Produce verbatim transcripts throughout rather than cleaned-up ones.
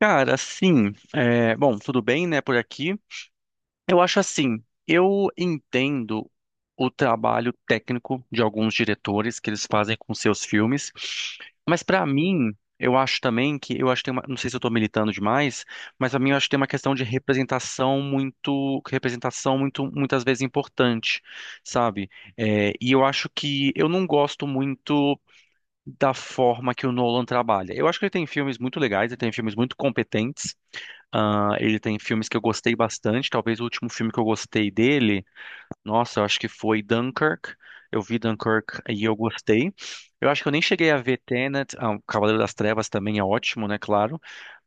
Cara, assim, é, bom, tudo bem, né, por aqui. Eu acho assim, eu entendo o trabalho técnico de alguns diretores que eles fazem com seus filmes, mas pra mim, eu acho também que, eu acho que tem uma, não sei se eu tô militando demais, mas pra mim eu acho que tem uma questão de representação muito, representação muito, muitas vezes importante, sabe? É, e eu acho que eu não gosto muito da forma que o Nolan trabalha. Eu acho que ele tem filmes muito legais, ele tem filmes muito competentes, ah, ele tem filmes que eu gostei bastante. Talvez o último filme que eu gostei dele, nossa, eu acho que foi Dunkirk. Eu vi Dunkirk e eu gostei. Eu acho que eu nem cheguei a ver Tenet. Ah, o Cavaleiro das Trevas também é ótimo, né? Claro.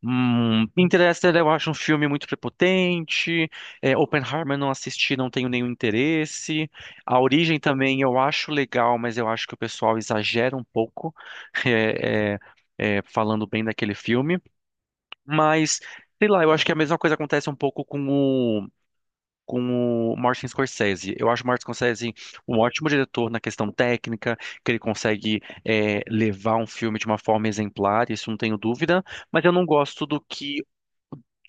Hum, Interestelar eu acho um filme muito prepotente. É, Oppenheimer eu não assisti, não tenho nenhum interesse. A Origem também eu acho legal, mas eu acho que o pessoal exagera um pouco. É, é, é, falando bem daquele filme. Mas, sei lá, eu acho que a mesma coisa acontece um pouco com o, com o Martin Scorsese. Eu acho o Martin Scorsese um ótimo diretor na questão técnica, que ele consegue é, levar um filme de uma forma exemplar, isso não tenho dúvida, mas eu não gosto do que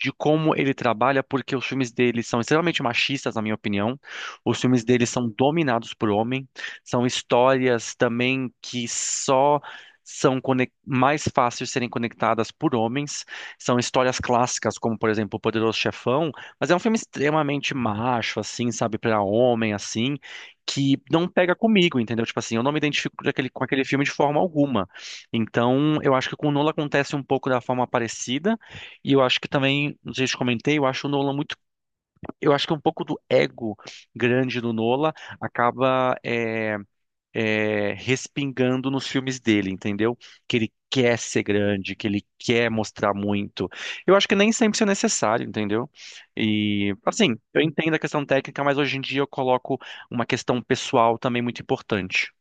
de como ele trabalha, porque os filmes dele são extremamente machistas, na minha opinião. Os filmes dele são dominados por homem, são histórias também que só são conec- mais fáceis de serem conectadas por homens. São histórias clássicas, como por exemplo O Poderoso Chefão, mas é um filme extremamente macho, assim, sabe, para homem, assim, que não pega comigo, entendeu? Tipo assim, eu não me identifico com aquele, com aquele filme de forma alguma. Então, eu acho que com o Nolan acontece um pouco da forma parecida. E eu acho que também, não sei se eu comentei, eu acho o Nolan muito. Eu acho que um pouco do ego grande do Nolan acaba é, é, respingando nos filmes dele, entendeu? Que ele quer ser grande, que ele quer mostrar muito. Eu acho que nem sempre isso é necessário, entendeu? E, assim, eu entendo a questão técnica, mas hoje em dia eu coloco uma questão pessoal também muito importante.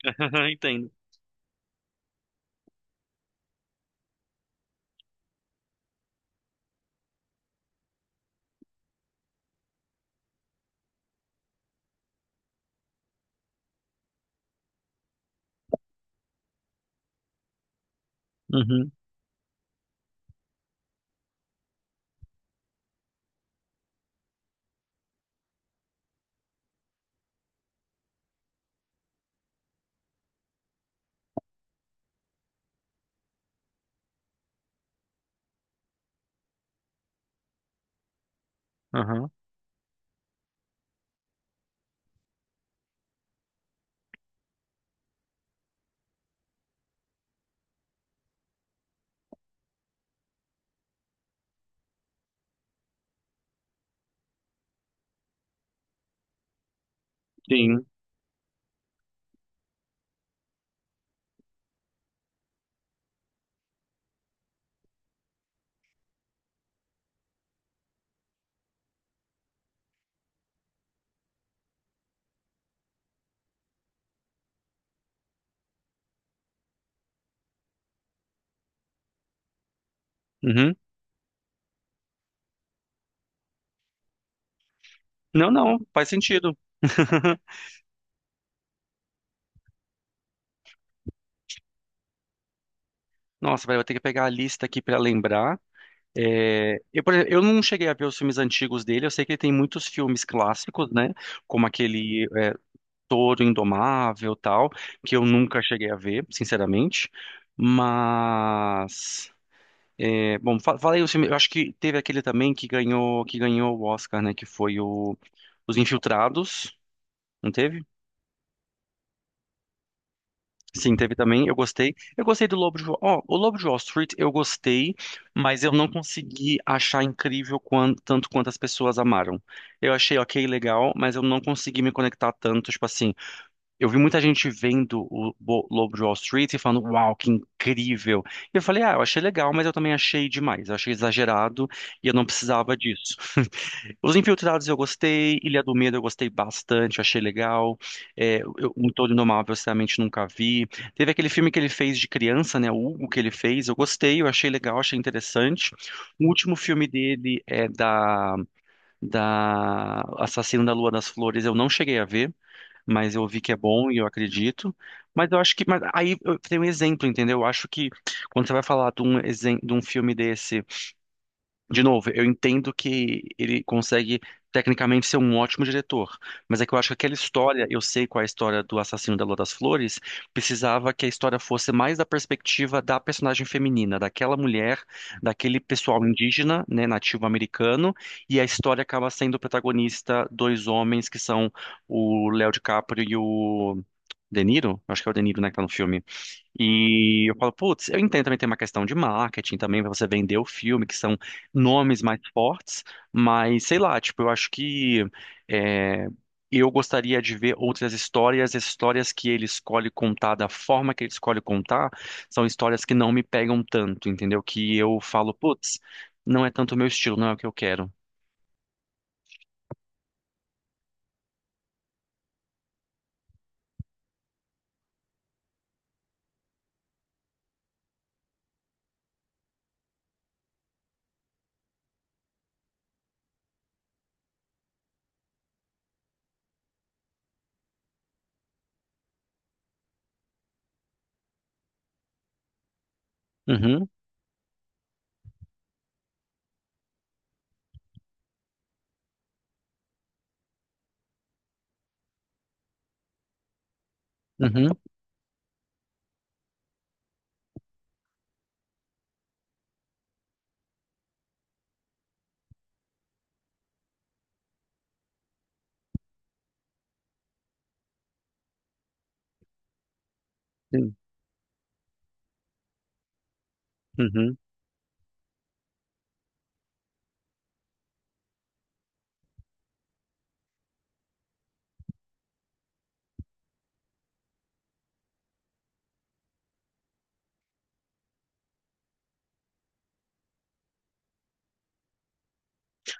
Entendo. Uhum, uhum, sim. Uhum. Não, não, faz sentido. Nossa, vai eu vou ter que pegar a lista aqui pra lembrar. É, eu, por exemplo, eu não cheguei a ver os filmes antigos dele, eu sei que ele tem muitos filmes clássicos, né? Como aquele é, Touro Indomável tal, que eu nunca cheguei a ver, sinceramente. Mas, é, bom, fa- falei os filmes, eu acho que teve aquele também que ganhou, que ganhou o Oscar, né? Que foi o Os Infiltrados, não teve? Sim, teve também. Eu gostei. Eu gostei do Lobo de Wall. Ó, o Lobo de Wall Street eu gostei, mas eu não consegui achar incrível quan- tanto quanto as pessoas amaram. Eu achei ok, legal, mas eu não consegui me conectar tanto. Tipo assim, eu vi muita gente vendo o Bo- Lobo de Wall Street e falando, uau, que incrível. E eu falei, ah, eu achei legal, mas eu também achei demais. Eu achei exagerado e eu não precisava disso. Os Infiltrados eu gostei, Ilha do Medo eu gostei bastante, achei legal. É, eu, um Todo Indomável eu sinceramente nunca vi. Teve aquele filme que ele fez de criança, né? O Hugo que ele fez, eu gostei, eu achei legal, achei interessante. O último filme dele é da, da Assassino da Lua das Flores, eu não cheguei a ver, mas eu vi que é bom e eu acredito. Mas eu acho que. Mas aí eu tenho um exemplo, entendeu? Eu acho que quando você vai falar de um, exem- de um filme desse. De novo, eu entendo que ele consegue tecnicamente ser um ótimo diretor, mas é que eu acho que aquela história, eu sei qual é a história do assassino da Lua das Flores, precisava que a história fosse mais da perspectiva da personagem feminina, daquela mulher, daquele pessoal indígena, né, nativo americano, e a história acaba sendo o protagonista dois homens que são o Léo DiCaprio e o De Niro, acho que é o De Niro, né, que tá no filme. E eu falo, putz, eu entendo também tem uma questão de marketing também, pra você vender o filme, que são nomes mais fortes, mas sei lá, tipo, eu acho que é, eu gostaria de ver outras histórias, as histórias que ele escolhe contar, da forma que ele escolhe contar, são histórias que não me pegam tanto, entendeu? Que eu falo, putz, não é tanto o meu estilo, não é o que eu quero. Uhum, uhum, sim, uhum.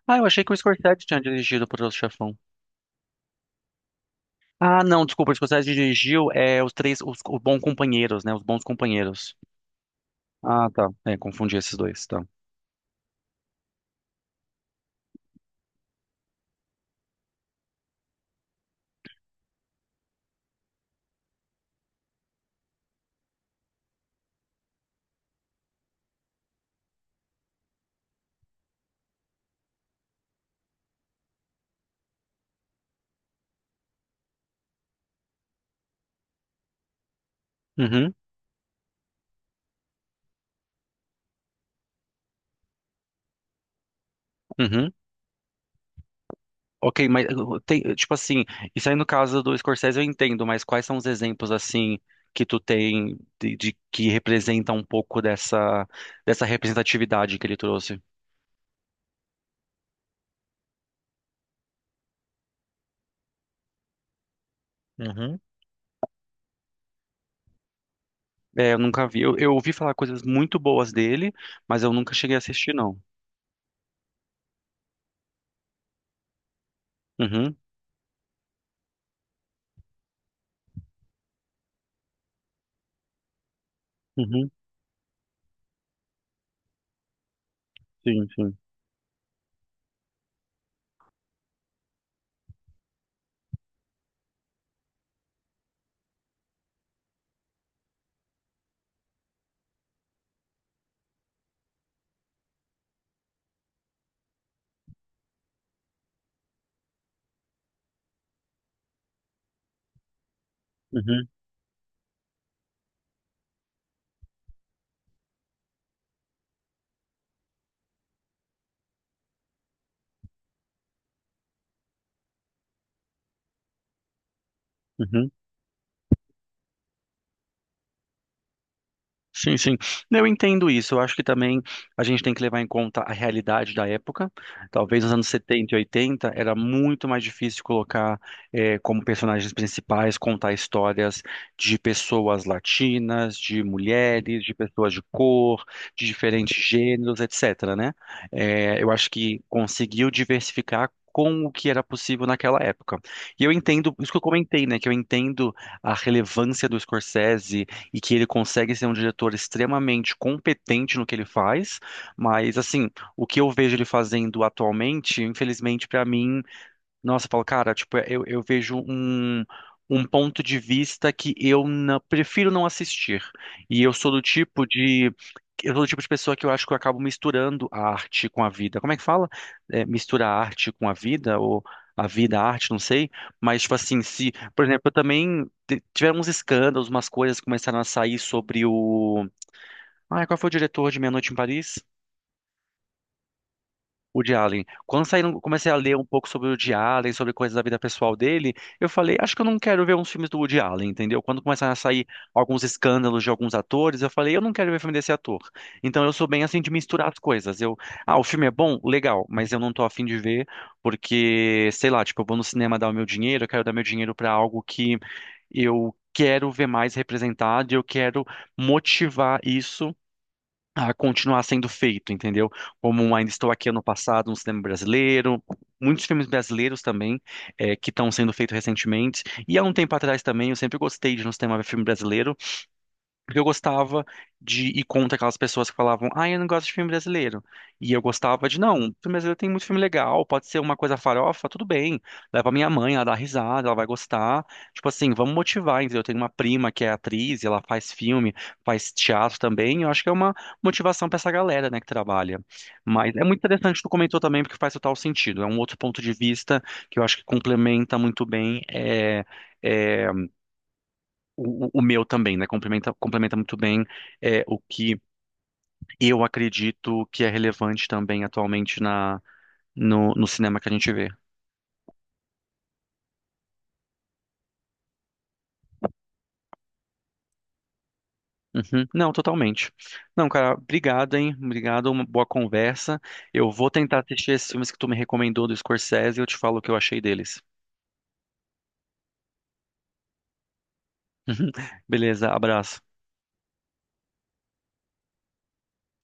Ah, eu achei que o Scorsese tinha dirigido para o Poderoso Chefão. Ah, não, desculpa, Responsabilidade de Dirigir é os três, os, os bons companheiros, né? Os bons companheiros. Ah, tá. É, confundi esses dois, tá. Uhum, uhum. Ok, mas uh, uh, tem, uh, tipo assim, isso aí no caso do Scorsese eu entendo, mas quais são os exemplos, assim, que tu tem de, de que representa um pouco dessa, dessa representatividade que ele trouxe? Uhum. É, eu nunca vi. Eu, eu ouvi falar coisas muito boas dele, mas eu nunca cheguei a assistir, não. Uhum, uhum, sim, sim. Uhum, uhum. Sim, sim. Eu entendo isso. Eu acho que também a gente tem que levar em conta a realidade da época. Talvez nos anos setenta e oitenta era muito mais difícil colocar eh, como personagens principais, contar histórias de pessoas latinas, de mulheres, de pessoas de cor, de diferentes gêneros, et cetera, né? Eh, eu acho que conseguiu diversificar com o que era possível naquela época. E eu entendo, isso que eu comentei, né, que eu entendo a relevância do Scorsese e que ele consegue ser um diretor extremamente competente no que ele faz, mas assim, o que eu vejo ele fazendo atualmente, infelizmente para mim nossa, eu falo, cara, tipo, é, eu, eu vejo um, um ponto de vista que eu não- prefiro não assistir. E eu sou do tipo de. Eu sou do tipo de pessoa que eu acho que eu acabo misturando a arte com a vida. Como é que fala? É, mistura a arte com a vida, ou a vida, a arte, não sei. Mas, tipo assim, se, por exemplo, eu também t- tiveram uns escândalos, umas coisas que começaram a sair sobre o. Ah, qual foi o diretor de Meia Noite em Paris? O de Allen. Quando saíram, comecei a ler um pouco sobre o de Allen, sobre coisas da vida pessoal dele, eu falei, acho que eu não quero ver uns filmes do Woody Allen, entendeu? Quando começaram a sair alguns escândalos de alguns atores, eu falei, eu não quero ver filme desse ator. Então eu sou bem assim de misturar as coisas. Eu, ah, o filme é bom? Legal, mas eu não tô afim de ver porque, sei lá, tipo, eu vou no cinema dar o meu dinheiro, eu quero dar meu dinheiro pra algo que eu quero ver mais representado e eu quero motivar isso a continuar sendo feito, entendeu? Como um Ainda Estou Aqui ano passado, no cinema brasileiro, muitos filmes brasileiros também eh, que estão sendo feitos recentemente. E há um tempo atrás também eu sempre gostei de ir no cinema ver filme brasileiro. Porque eu gostava de ir contra aquelas pessoas que falavam, ah, eu não gosto de filme brasileiro. E eu gostava de, não, filme brasileiro tem muito filme legal, pode ser uma coisa farofa, tudo bem. Leva pra minha mãe, ela dá risada, ela vai gostar. Tipo assim, vamos motivar, entendeu? Eu tenho uma prima que é atriz, e ela faz filme, faz teatro também. Eu acho que é uma motivação pra essa galera, né, que trabalha. Mas é muito interessante o que tu comentou também, porque faz total sentido. É um outro ponto de vista que eu acho que complementa muito bem. É, o, o- o meu também, né? Complementa, complementa muito bem é, o que eu acredito que é relevante também atualmente na, no, no cinema que a gente vê. Uhum. Não, totalmente. Não, cara, obrigado, hein? Obrigado, uma boa conversa. Eu vou tentar assistir esses filmes que tu me recomendou do Scorsese e eu te falo o que eu achei deles. Beleza, abraço.